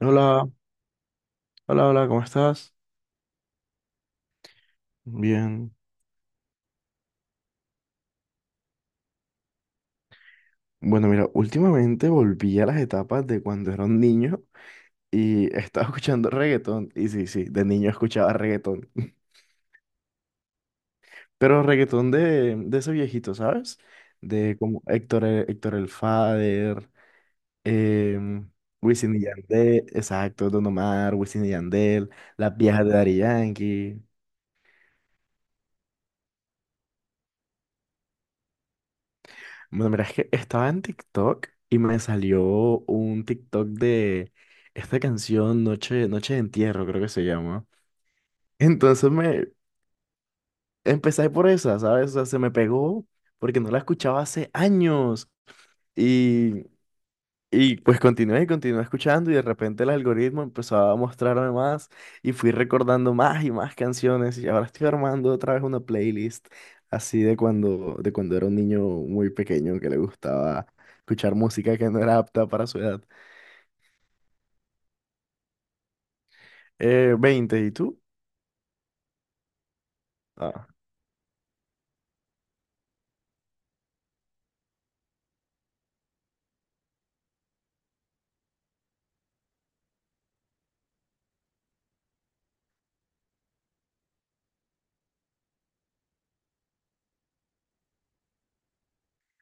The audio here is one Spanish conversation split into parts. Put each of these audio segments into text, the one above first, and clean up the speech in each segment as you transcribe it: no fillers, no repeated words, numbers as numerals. Hola, hola, hola, ¿cómo estás? Bien. Bueno, mira, últimamente volví a las etapas de cuando era un niño y estaba escuchando reggaetón. Y sí, sí, de niño escuchaba reggaetón. Pero reggaetón de ese viejito, ¿sabes? De como Héctor, Héctor el Father, eh, Wisin y Yandel, exacto, Don Omar, Wisin y Yandel, las viejas de Daddy Yankee. Bueno, mira, es que estaba en TikTok y me salió un TikTok de esta canción Noche, Noche de Entierro, creo que se llama. Entonces me empecé por esa, ¿sabes? O sea, se me pegó porque no la escuchaba hace años. y y pues continué y continué escuchando, y de repente el algoritmo empezó a mostrarme más y fui recordando más y más canciones, y ahora estoy armando otra vez una playlist así de cuando era un niño muy pequeño que le gustaba escuchar música que no era apta para su edad. 20, ¿y tú? Ah.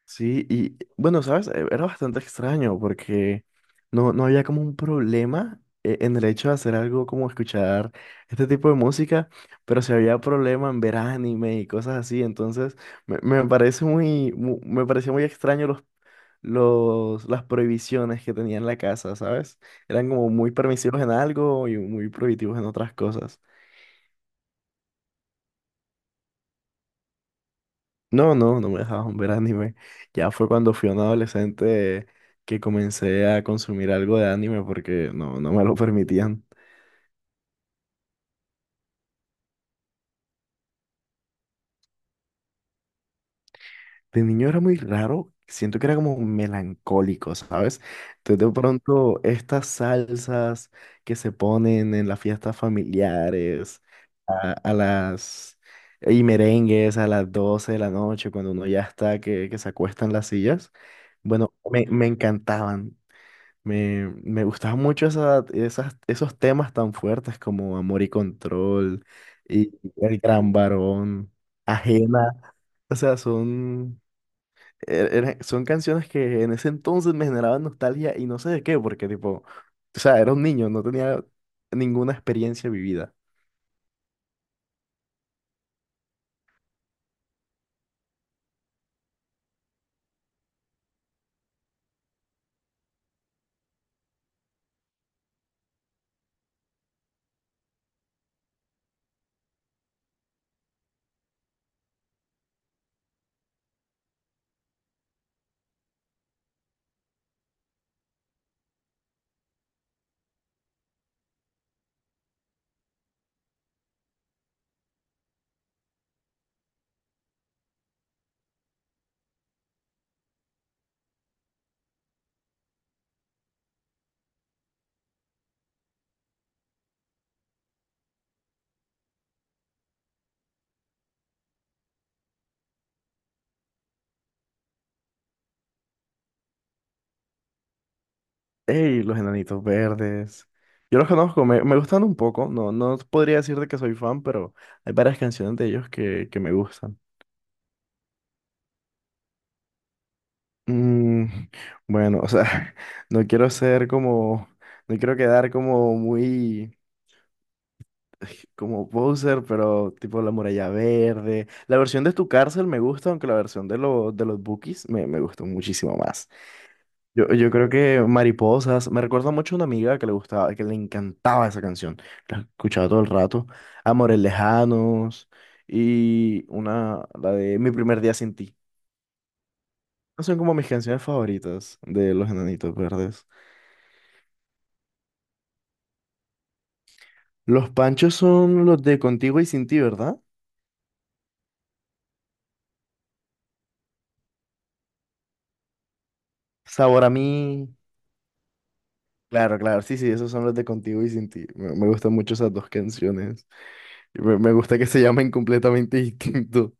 Sí, y bueno, ¿sabes? Era bastante extraño porque no había como un problema, en el hecho de hacer algo como escuchar este tipo de música, pero sí había problema en ver anime y cosas así. Entonces me pareció muy extraño las prohibiciones que tenía en la casa, ¿sabes? Eran como muy permisivos en algo y muy prohibitivos en otras cosas. No, no, no me dejaban ver anime. Ya fue cuando fui un adolescente que comencé a consumir algo de anime porque no me lo permitían. De niño era muy raro, siento que era como melancólico, ¿sabes? Entonces de pronto estas salsas que se ponen en las fiestas familiares, a, a las... y merengues a las 12 de la noche, cuando uno ya está, que se acuestan las sillas, bueno, me encantaban. Me gustaban mucho esos temas tan fuertes como Amor y Control y El Gran Varón, Ajena. O sea, son canciones que en ese entonces me generaban nostalgia y no sé de qué, porque tipo, o sea, era un niño, no tenía ninguna experiencia vivida. Ey, los Enanitos Verdes. Yo los conozco, me gustan un poco. No podría decirte que soy fan, pero hay varias canciones de ellos que me gustan. Mm, bueno, o sea, no quiero ser como, no quiero quedar como muy, como poser, pero tipo la muralla verde. La versión de tu cárcel me gusta, aunque la versión de los Bookies me gustó muchísimo más. Yo creo que Mariposas me recuerda mucho a una amiga que le gustaba, que le encantaba esa canción, la escuchaba todo el rato. Amores Lejanos y la de Mi primer día sin ti. Son como mis canciones favoritas de Los Enanitos Verdes. Los panchos son los de contigo y sin ti, ¿verdad? Sabor a mí. Claro, claro, sí, sí, esos son los de contigo y sin ti. Me gustan mucho esas dos canciones. Y me gusta que se llamen completamente distinto,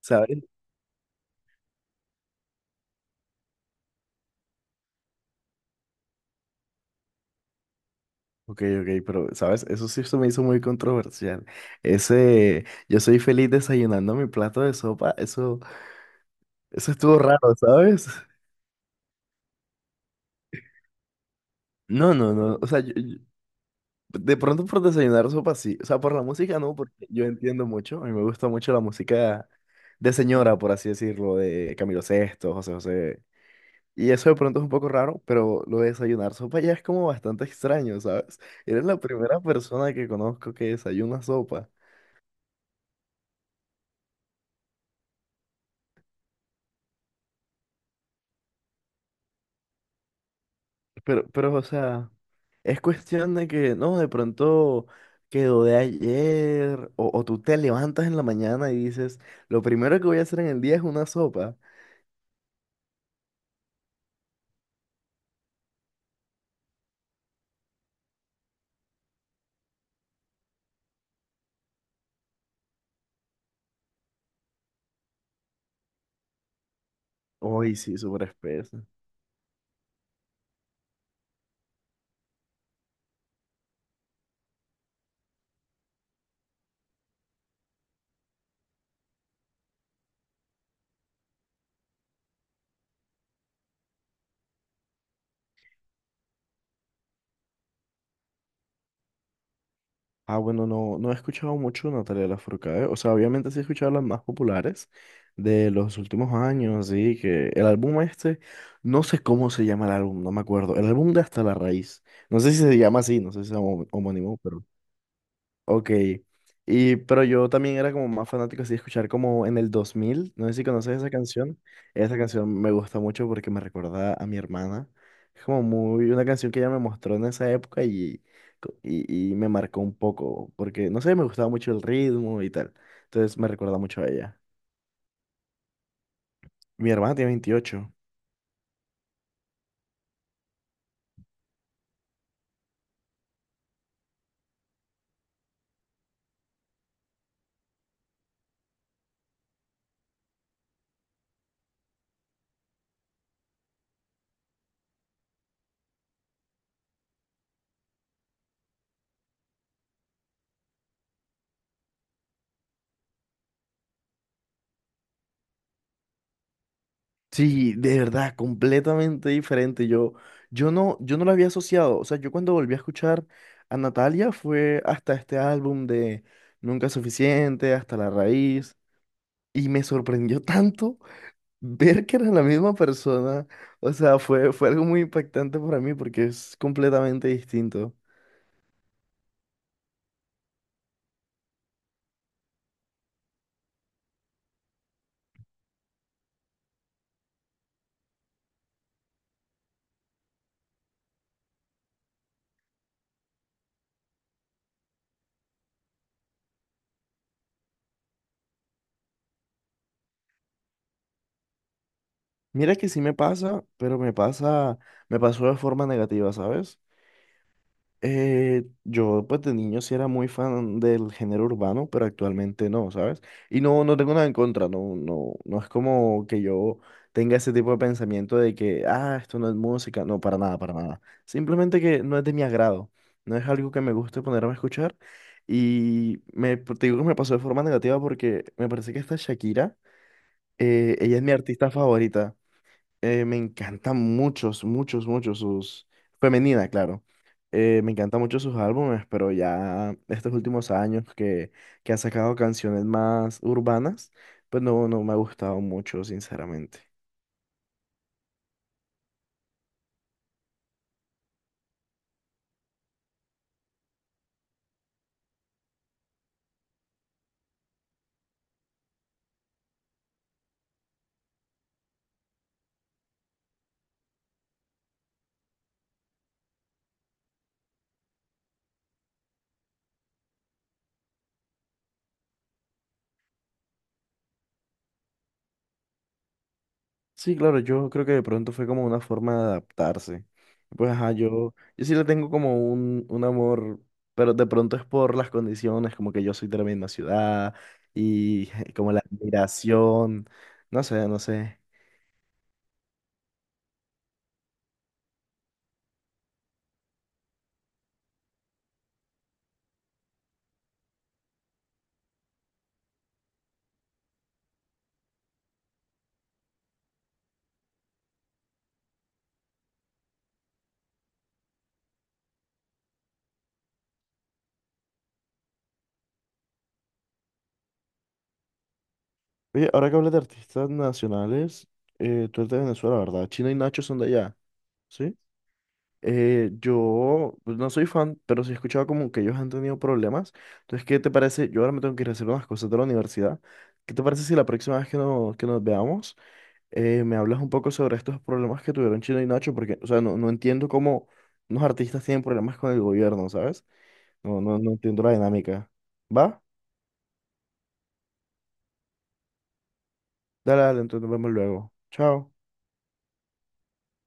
¿sabes? Ok, ok, pero, ¿sabes? Eso sí se me hizo muy controversial. Ese, yo soy feliz desayunando mi plato de sopa, eso estuvo raro, ¿sabes? No, no, no, o sea, yo, de pronto por desayunar sopa sí. O sea, por la música no, porque yo entiendo mucho. A mí me gusta mucho la música de señora, por así decirlo, de Camilo Sesto, José José. Y eso de pronto es un poco raro, pero lo de desayunar sopa ya es como bastante extraño, ¿sabes? Eres la primera persona que conozco que desayuna sopa. Pero, o sea, es cuestión de que, no, de pronto quedó de ayer, o tú te levantas en la mañana y dices, lo primero que voy a hacer en el día es una sopa. Uy, sí, súper espesa. Ah, bueno, no he escuchado mucho Natalia Lafourcade. O sea, obviamente sí he escuchado las más populares de los últimos años, sí, que el álbum este, no sé cómo se llama el álbum, no me acuerdo. El álbum de Hasta la Raíz. No sé si se llama así, no sé si es homónimo, pero... Ok. Pero yo también era como más fanático así de escuchar como En el 2000, no sé si conoces esa canción. Esa canción me gusta mucho porque me recuerda a mi hermana. Es como muy una canción que ella me mostró en esa época y me marcó un poco porque, no sé, me gustaba mucho el ritmo y tal. Entonces me recuerda mucho a ella. Mi hermana tiene 28. Sí, de verdad, completamente diferente. Yo no la había asociado. O sea, yo cuando volví a escuchar a Natalia fue hasta este álbum de Nunca es suficiente, hasta la raíz. Y me sorprendió tanto ver que era la misma persona. O sea, fue algo muy impactante para mí porque es completamente distinto. Mira que sí me pasa, pero me pasa, me pasó de forma negativa, ¿sabes? Yo pues de niño sí era muy fan del género urbano, pero actualmente no, ¿sabes? Y no tengo nada en contra, no, no, no es como que yo tenga ese tipo de pensamiento de que, ah, esto no es música, no, para nada, para nada. Simplemente que no es de mi agrado, no es algo que me guste ponerme a escuchar. Y te digo que me pasó de forma negativa porque me parece que esta Shakira, ella es mi artista favorita. Me encantan muchos, muchos, muchos sus... Femenina, claro. Me encantan mucho sus álbumes, pero ya estos últimos años que ha sacado canciones más urbanas, pues no me ha gustado mucho, sinceramente. Sí, claro, yo creo que de pronto fue como una forma de adaptarse. Pues ajá, yo sí le tengo como un amor, pero de pronto es por las condiciones, como que yo soy de la misma ciudad y como la admiración, no sé, no sé. Oye, ahora que hablas de artistas nacionales, tú eres de Venezuela, ¿verdad? China y Nacho son de allá, ¿sí? Yo pues, no soy fan, pero sí he escuchado como que ellos han tenido problemas. Entonces, ¿qué te parece? Yo ahora me tengo que ir a hacer unas cosas de la universidad. ¿Qué te parece si la próxima vez que, no- que nos veamos, me hablas un poco sobre estos problemas que tuvieron China y Nacho? Porque, o sea, no entiendo cómo unos artistas tienen problemas con el gobierno, ¿sabes? No, no, no entiendo la dinámica. ¿Va? Dale, dale, entonces nos vemos luego. Chao.